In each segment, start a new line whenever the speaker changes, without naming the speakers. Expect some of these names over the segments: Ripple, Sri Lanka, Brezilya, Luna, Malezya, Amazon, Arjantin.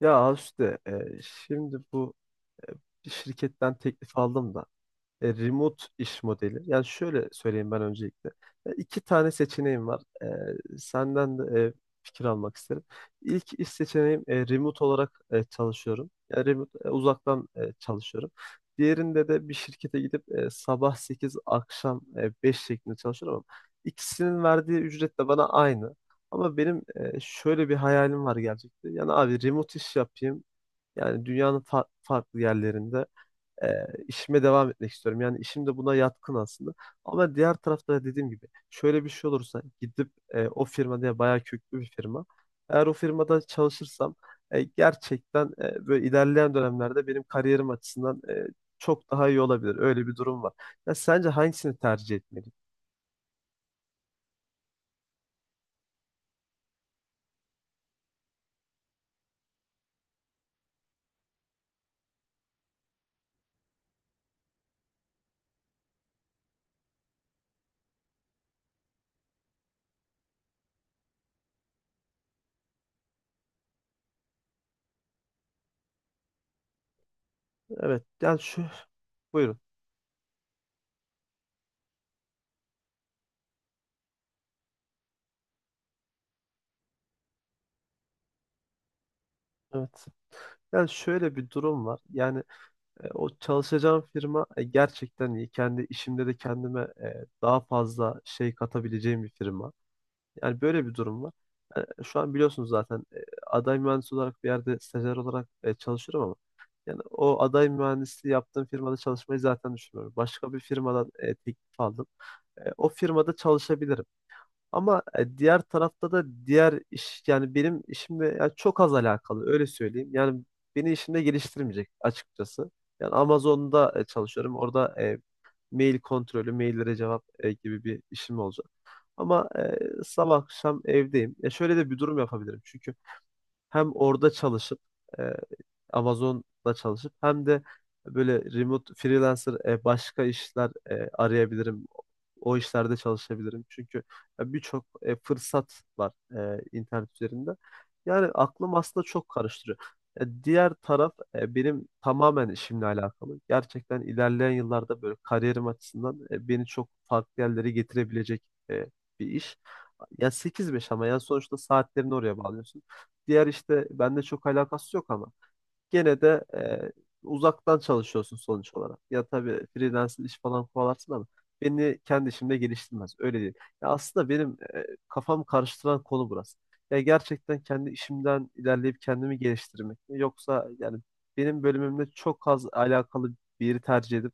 Ya Azuste, şimdi bu e, bir şirketten teklif aldım da remote iş modeli. Yani şöyle söyleyeyim ben öncelikle. İki tane seçeneğim var. Senden de fikir almak isterim. İlk iş seçeneğim remote olarak çalışıyorum. Yani remote, uzaktan çalışıyorum. Diğerinde de bir şirkete gidip sabah 8 akşam 5 şeklinde çalışıyorum ama ikisinin verdiği ücret de bana aynı. Ama benim şöyle bir hayalim var gerçekten. Yani abi remote iş yapayım. Yani dünyanın farklı yerlerinde e, işime devam etmek istiyorum. Yani işim de buna yatkın aslında. Ama diğer tarafta da dediğim gibi şöyle bir şey olursa gidip o firma diye bayağı köklü bir firma. Eğer o firmada çalışırsam gerçekten böyle ilerleyen dönemlerde benim kariyerim açısından çok daha iyi olabilir. Öyle bir durum var. Ya sence hangisini tercih etmeliyim? Evet. Yani şu, buyurun. Evet. Yani şöyle bir durum var. Yani o çalışacağım firma gerçekten iyi. Kendi işimde de kendime daha fazla şey katabileceğim bir firma. Yani böyle bir durum var. Yani şu an biliyorsunuz zaten aday mühendis olarak bir yerde stajyer olarak çalışıyorum ama yani o aday mühendisliği yaptığım firmada çalışmayı zaten düşünmüyorum. Başka bir firmadan teklif aldım. O firmada çalışabilirim. Ama diğer tarafta da diğer iş yani benim işimle yani çok az alakalı öyle söyleyeyim. Yani beni işimde geliştirmeyecek açıkçası. Yani Amazon'da çalışıyorum. Orada mail kontrolü, maillere cevap gibi bir işim olacak. Ama sabah akşam evdeyim. Şöyle de bir durum yapabilirim. Çünkü hem orada çalışıp e, Amazon'da çalışıp hem de böyle remote freelancer başka işler arayabilirim. O işlerde çalışabilirim. Çünkü ya birçok fırsat var internet üzerinde. Yani aklım aslında çok karıştırıyor. Diğer taraf benim tamamen işimle alakalı. Gerçekten ilerleyen yıllarda böyle kariyerim açısından beni çok farklı yerlere getirebilecek e, bir iş. Ya sekiz beş ama yani sonuçta saatlerini oraya bağlıyorsun. Diğer işte bende çok alakası yok ama gene de uzaktan çalışıyorsun sonuç olarak. Ya tabii freelance iş falan kovalarsın ama beni kendi işimde geliştirmez. Öyle değil. Ya aslında benim kafam karıştıran konu burası. Ya gerçekten kendi işimden ilerleyip kendimi geliştirmek mi? Yoksa yani benim bölümümle çok az alakalı bir yeri tercih edip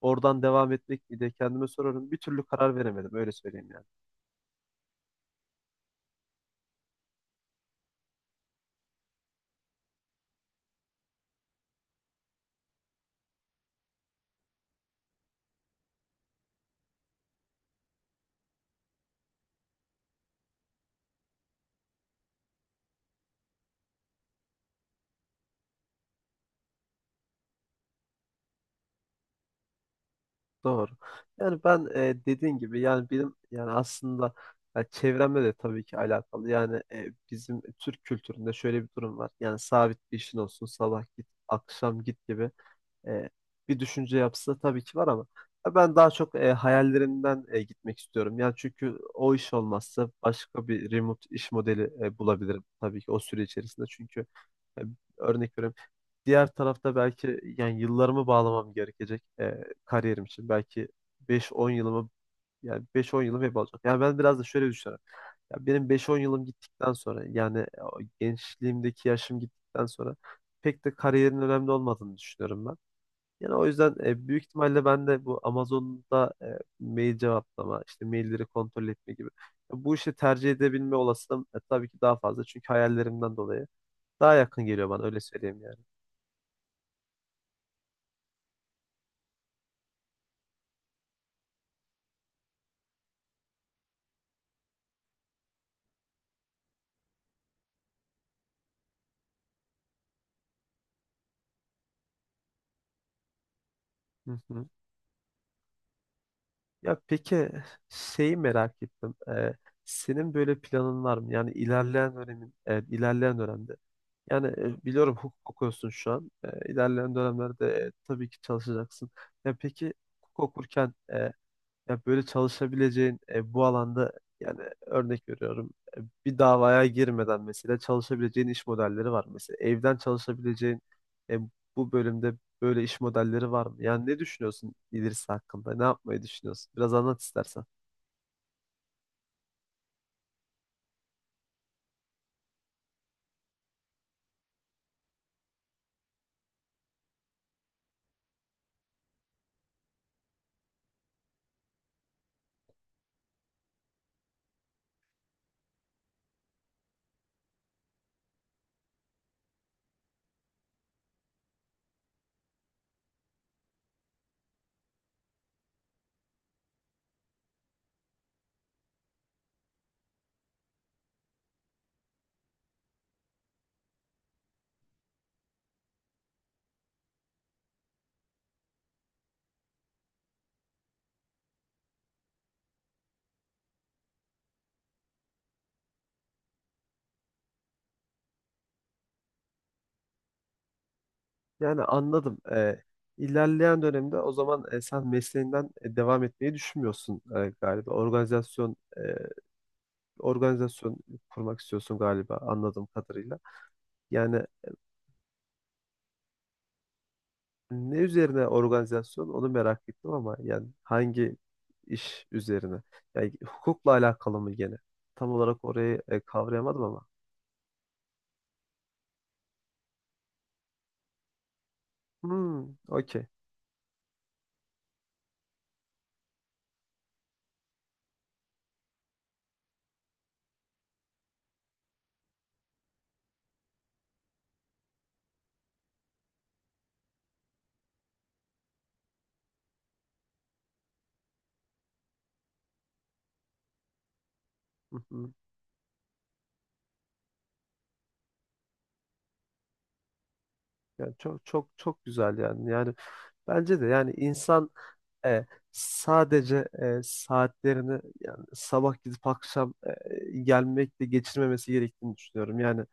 oradan devam etmek mi diye kendime soruyorum. Bir türlü karar veremedim öyle söyleyeyim yani. Doğru. Yani ben dediğin gibi yani benim yani aslında ya çevremle de tabii ki alakalı. Yani bizim Türk kültüründe şöyle bir durum var. Yani sabit bir işin olsun sabah git akşam git gibi e, bir düşünce yapısı tabii ki var ama ya ben daha çok hayallerimden gitmek istiyorum. Yani çünkü o iş olmazsa başka bir remote iş modeli bulabilirim tabii ki o süre içerisinde. Çünkü e, örnek veriyorum. Diğer tarafta belki yani yıllarımı bağlamam gerekecek kariyerim için. Belki beş on yılımı yani beş on yılım hep olacak. Yani ben biraz da şöyle düşünüyorum. Ya benim beş on yılım gittikten sonra yani o gençliğimdeki yaşım gittikten sonra pek de kariyerin önemli olmadığını düşünüyorum ben. Yani o yüzden büyük ihtimalle ben de bu Amazon'da mail cevaplama, işte mailleri kontrol etme gibi. Bu işi tercih edebilme olasılığım tabii ki daha fazla. Çünkü hayallerimden dolayı daha yakın geliyor bana öyle söyleyeyim yani. Hı hı. Ya peki şeyi merak ettim. Senin böyle planın var mı? Yani ilerleyen dönemde. Yani biliyorum hukuk okuyorsun şu an. İlerleyen dönemlerde tabii ki çalışacaksın. Ya peki hukuk okurken ya böyle çalışabileceğin bu alanda yani örnek veriyorum bir davaya girmeden mesela çalışabileceğin iş modelleri var. Mesela evden çalışabileceğin e, bu bölümde böyle iş modelleri var mı? Yani ne düşünüyorsun ilerisi hakkında? Ne yapmayı düşünüyorsun? Biraz anlat istersen. Yani anladım. İlerleyen dönemde o zaman sen mesleğinden devam etmeyi düşünmüyorsun galiba. Organizasyon kurmak istiyorsun galiba anladığım kadarıyla. Yani ne üzerine organizasyon onu merak ettim ama yani hangi iş üzerine? Yani hukukla alakalı mı gene? Tam olarak orayı kavrayamadım ama. Hmm, okey. Hı hı. Yani çok çok çok güzel yani. Yani bence de yani insan e, sadece saatlerini yani sabah gidip akşam gelmekle geçirmemesi gerektiğini düşünüyorum. Yani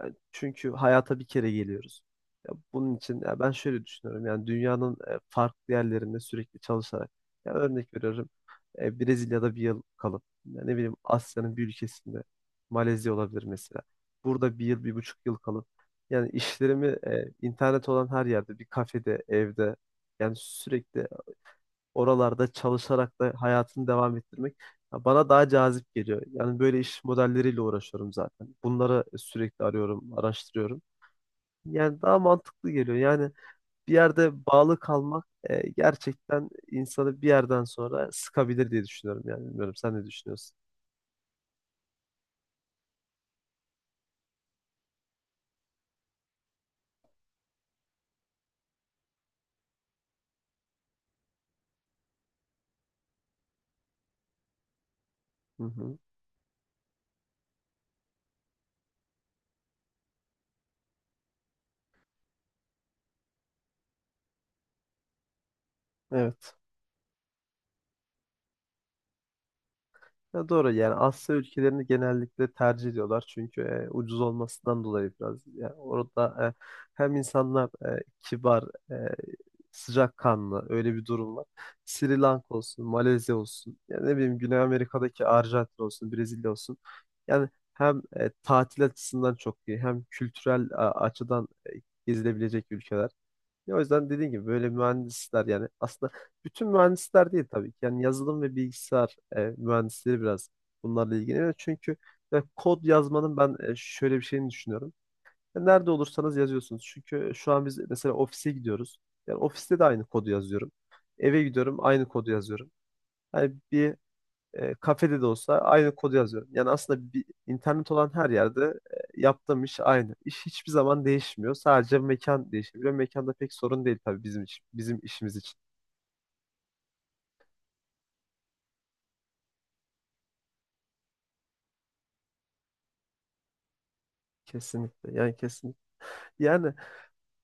Yani çünkü hayata bir kere geliyoruz. Ya bunun için ya ben şöyle düşünüyorum. Yani dünyanın farklı yerlerinde sürekli çalışarak ya örnek veriyorum. Brezilya'da bir yıl kalıp ya ne bileyim Asya'nın bir ülkesinde Malezya olabilir mesela. Burada bir yıl, bir buçuk yıl kalıp yani işlerimi internet olan her yerde bir kafede, evde yani sürekli oralarda çalışarak da hayatını devam ettirmek ya bana daha cazip geliyor. Yani böyle iş modelleriyle uğraşıyorum zaten. Bunları sürekli arıyorum, araştırıyorum. Yani daha mantıklı geliyor. Yani bir yerde bağlı kalmak gerçekten insanı bir yerden sonra sıkabilir diye düşünüyorum yani. Bilmiyorum sen ne düşünüyorsun? Hı hı. Evet. Ya doğru yani Asya ülkelerini genellikle tercih ediyorlar çünkü ucuz olmasından dolayı biraz. Yani orada hem insanlar kibar, e, sıcakkanlı öyle bir durum var. Sri Lanka olsun, Malezya olsun, yani ne bileyim Güney Amerika'daki Arjantin olsun, Brezilya olsun. Yani hem tatil açısından çok iyi hem kültürel açıdan gezilebilecek ülkeler. Ya o yüzden dediğim gibi böyle mühendisler yani aslında bütün mühendisler değil tabii ki. Yani yazılım ve bilgisayar mühendisleri biraz bunlarla ilgileniyor. Çünkü ya kod yazmanın ben şöyle bir şeyini düşünüyorum. Ya nerede olursanız yazıyorsunuz. Çünkü şu an biz mesela ofise gidiyoruz. Yani ofiste de aynı kodu yazıyorum. Eve gidiyorum aynı kodu yazıyorum. Yani bir kafede de olsa aynı kodu yazıyorum. Yani aslında bir, internet olan her yerde yaptığım iş aynı. İş hiçbir zaman değişmiyor. Sadece mekan değişebiliyor. Mekanda pek sorun değil tabii bizim için, bizim işimiz için. Kesinlikle. Yani kesinlikle. Yani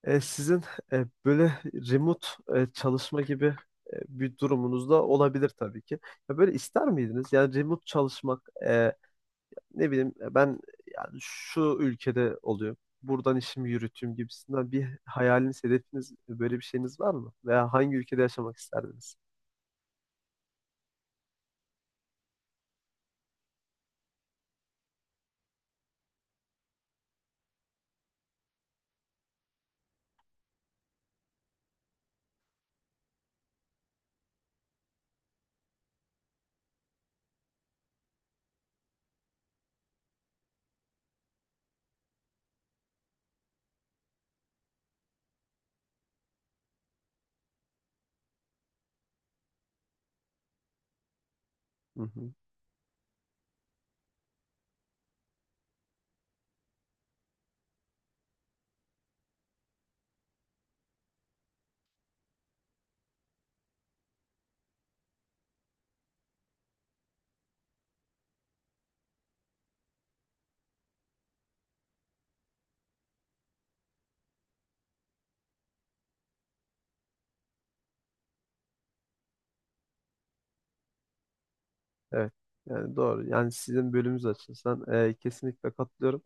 sizin böyle remote çalışma gibi bir durumunuz da olabilir tabii ki. Ya böyle ister miydiniz? Yani remote çalışmak ne bileyim ya ben yani şu ülkede oluyor. Buradan işimi yürüteyim gibisinden bir hayaliniz, hedefiniz, böyle bir şeyiniz var mı? Veya hangi ülkede yaşamak isterdiniz? Hı hı. Evet. Yani doğru. Yani sizin bölümünüz açısından kesinlikle katılıyorum.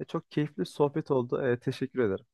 Çok keyifli sohbet oldu. Teşekkür ederim.